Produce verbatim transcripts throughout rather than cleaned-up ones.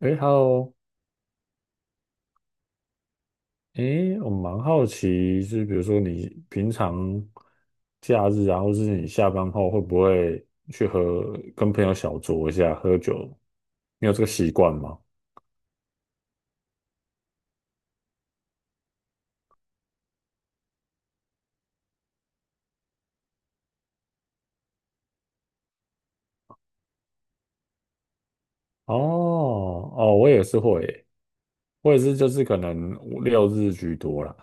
哎，Hello，哎，我蛮好奇，就是比如说你平常假日啊，或是你下班后，会不会去和跟朋友小酌一下喝酒？你有这个习惯吗？哦，哦，我也是会耶，我也是，就是可能五六日居多啦，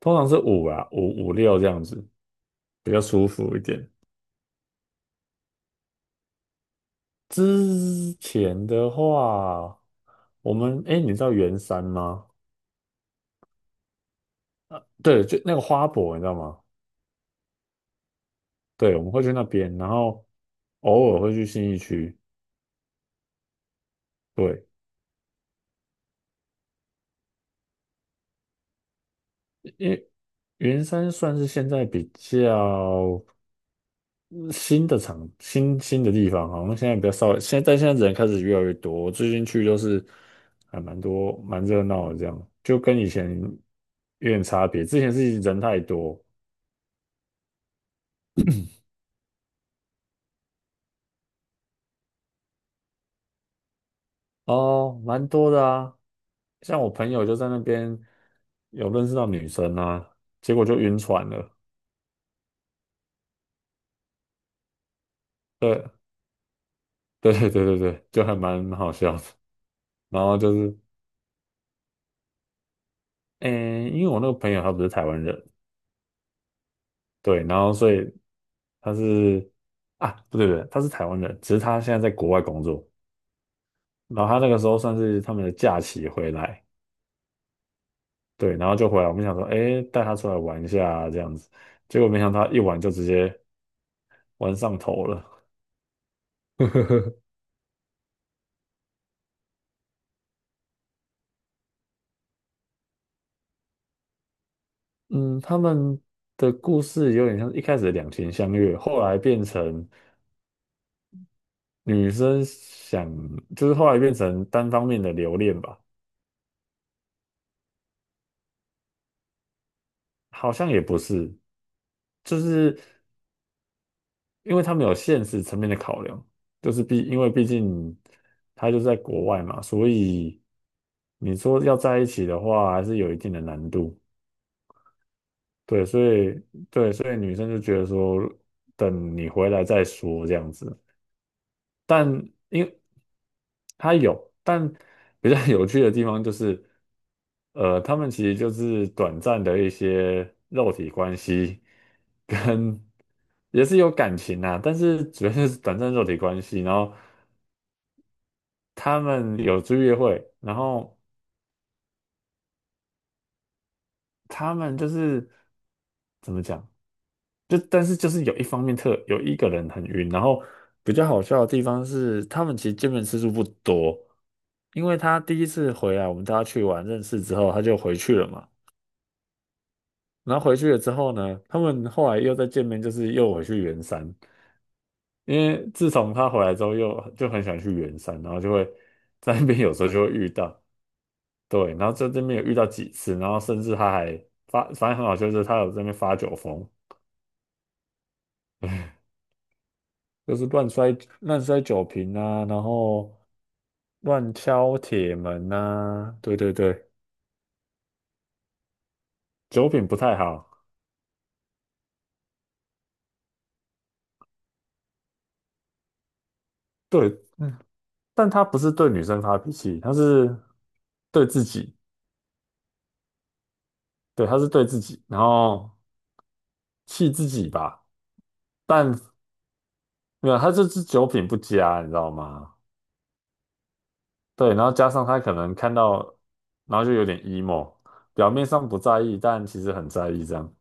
通常是五啊，五五六这样子比较舒服一点。之前的话，我们哎，诶，你知道圆山吗？对，就那个花博，你知道吗？对，我们会去那边，然后偶尔会去信义区。对，因为云山算是现在比较嗯新的场，新新的地方，好像现在比较少，现在但现在人开始越来越多。我最近去就是还蛮多，蛮热闹的，这样就跟以前有点差别。之前是人太多。哦，蛮多的啊。像我朋友就在那边有认识到女生啊，结果就晕船了。对，对对对对对，就还蛮蛮好笑的。然后就是，诶，因为我那个朋友他不是台湾人，对，然后所以他是啊，不对不对，他是台湾人，只是他现在在国外工作，然后他那个时候算是他们的假期回来，对，然后就回来，我们想说，诶，带他出来玩一下啊这样子，结果没想到他一玩就直接玩上头了。嗯，他们的故事有点像一开始的两情相悦，后来变成女生想，就是后来变成单方面的留恋吧。好像也不是，就是因为他们有现实层面的考量，就是毕因为毕竟他就在国外嘛，所以你说要在一起的话，还是有一定的难度。对，所以对，所以女生就觉得说，等你回来再说这样子。但因为它有，但比较有趣的地方就是，呃，他们其实就是短暂的一些肉体关系，跟也是有感情啊，但是主要就是短暂肉体关系。然后他们有去约会，然后他们就是怎么讲？就但是就是有一方面特有一个人很晕，然后比较好笑的地方是，他们其实见面次数不多，因为他第一次回来，我们大家去玩认识之后，他就回去了嘛。然后回去了之后呢，他们后来又再见面，就是又回去圆山，因为自从他回来之后又就很喜欢去圆山，然后就会在那边有时候就会遇到，对，然后在这边有遇到几次，然后甚至他还发，反正很好笑，就是他有在那边发酒疯。就是乱摔乱摔酒瓶啊，然后乱敲铁门啊，对对对，酒品不太好，对，嗯，但他不是对女生发脾气，他是对自己，对，他是对自己，然后气自己吧，但没有，他就是酒品不佳，你知道吗？对，然后加上他可能看到，然后就有点 emo，表面上不在意，但其实很在意这样。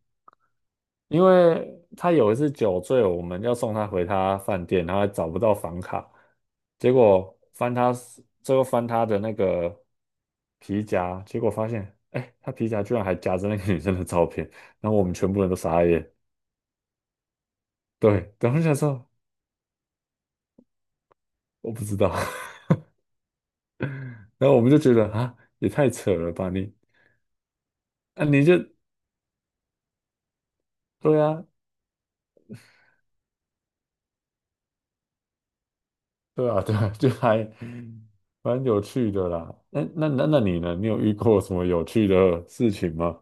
因为他有一次酒醉，我们要送他回他饭店，然后还找不到房卡，结果翻他，最后翻他的那个皮夹，结果发现，哎，他皮夹居然还夹着那个女生的照片，然后我们全部人都傻眼。对，等后就想说我不知道，然后我们就觉得啊，也太扯了吧你，啊你就对啊，对啊，对啊，就还蛮有趣的啦。那那那那你呢？你有遇过什么有趣的事情吗？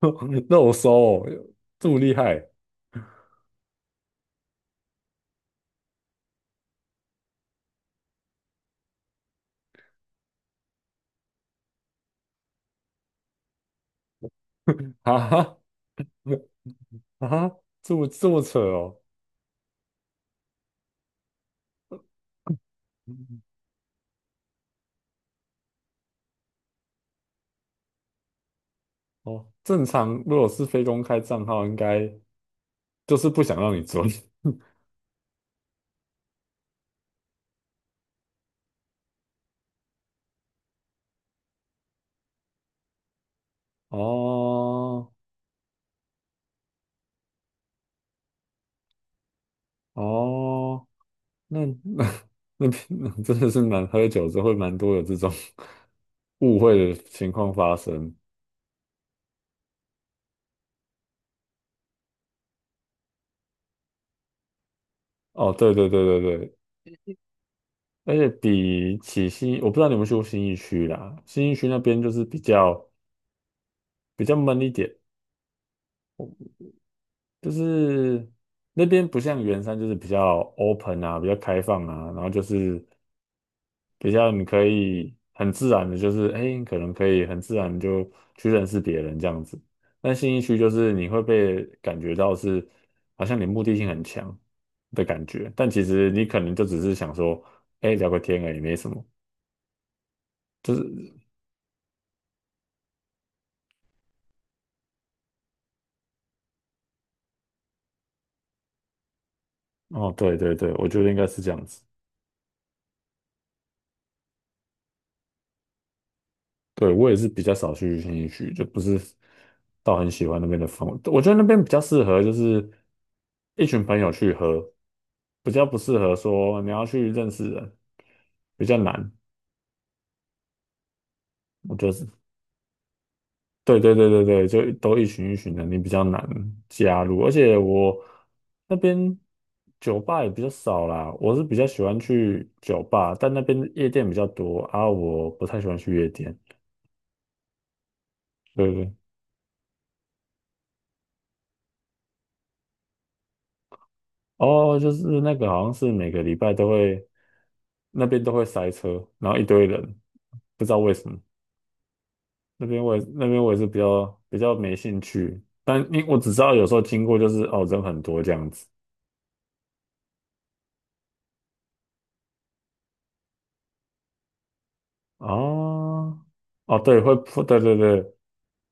那我收哦，这么厉害。 啊啊，这么这么扯哦。哦，正常如果是非公开账号，应该就是不想让你追。 哦哦，那那 那那真的是蛮喝酒之后会蛮多有这种 误会的情况发生。哦，对对对对对，而且比起新，我不知道你们去过新义区啦，新义区那边就是比较比较闷一点。就是那边不像圆山，就是比较 open 啊，比较开放啊，然后就是比较你可以很自然的，就是哎，诶可能可以很自然地就去认识别人这样子。但信义区就是你会被感觉到是好像你目的性很强的感觉，但其实你可能就只是想说，哎，聊个天而已，没什么。就是哦，对对对，我觉得应该是这样子。对，我也是比较少去新一区，就不是到很喜欢那边的风。我觉得那边比较适合就是一群朋友去喝，比较不适合说你要去认识人，比较难。我觉得是，对对对对对，就都一群一群的，你比较难加入。而且我那边酒吧也比较少啦，我是比较喜欢去酒吧，但那边夜店比较多啊，我不太喜欢去夜店。对对。哦，就是那个好像是每个礼拜都会那边都会塞车，然后一堆人，不知道为什么。那边我也那边我也是比较比较没兴趣，但因我只知道有时候经过就是哦人很多这样子。哦哦，对会破，对对对。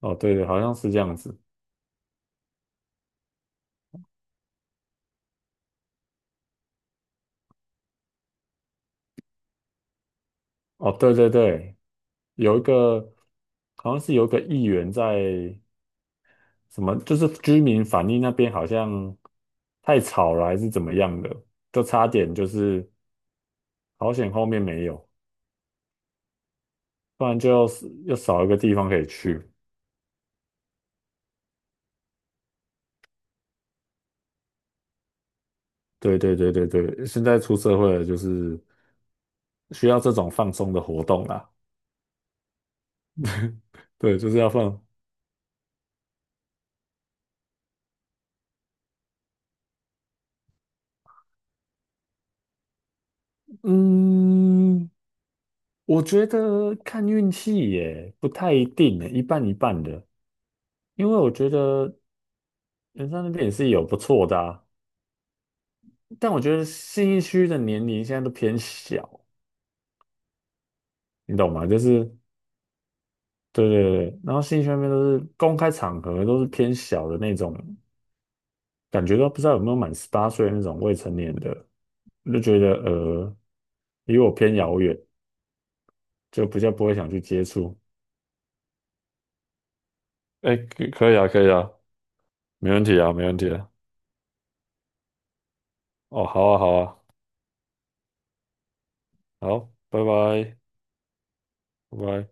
哦，对对好像是这样子。哦对对对，有一个好像是有一个议员在，什么就是居民反映那边好像太吵了还是怎么样的，就差点就是，好险后面没有，不然就是又少一个地方可以去。对对对对对，现在出社会了，就是需要这种放松的活动啦。对，就是要放。嗯，我觉得看运气耶，不太一定耶，一半一半的。因为我觉得人山那边也是有不错的啊，但我觉得信义区的年龄现在都偏小，你懂吗？就是对对对，然后信义区那边都是公开场合都是偏小的那种，感觉都不知道有没有满十八岁那种未成年的。我就觉得呃，离我偏遥远，就比较不会想去接触。哎，可可以啊，可以啊，没问题啊，没问题啊。哦，好啊，好啊，好，拜拜，拜拜。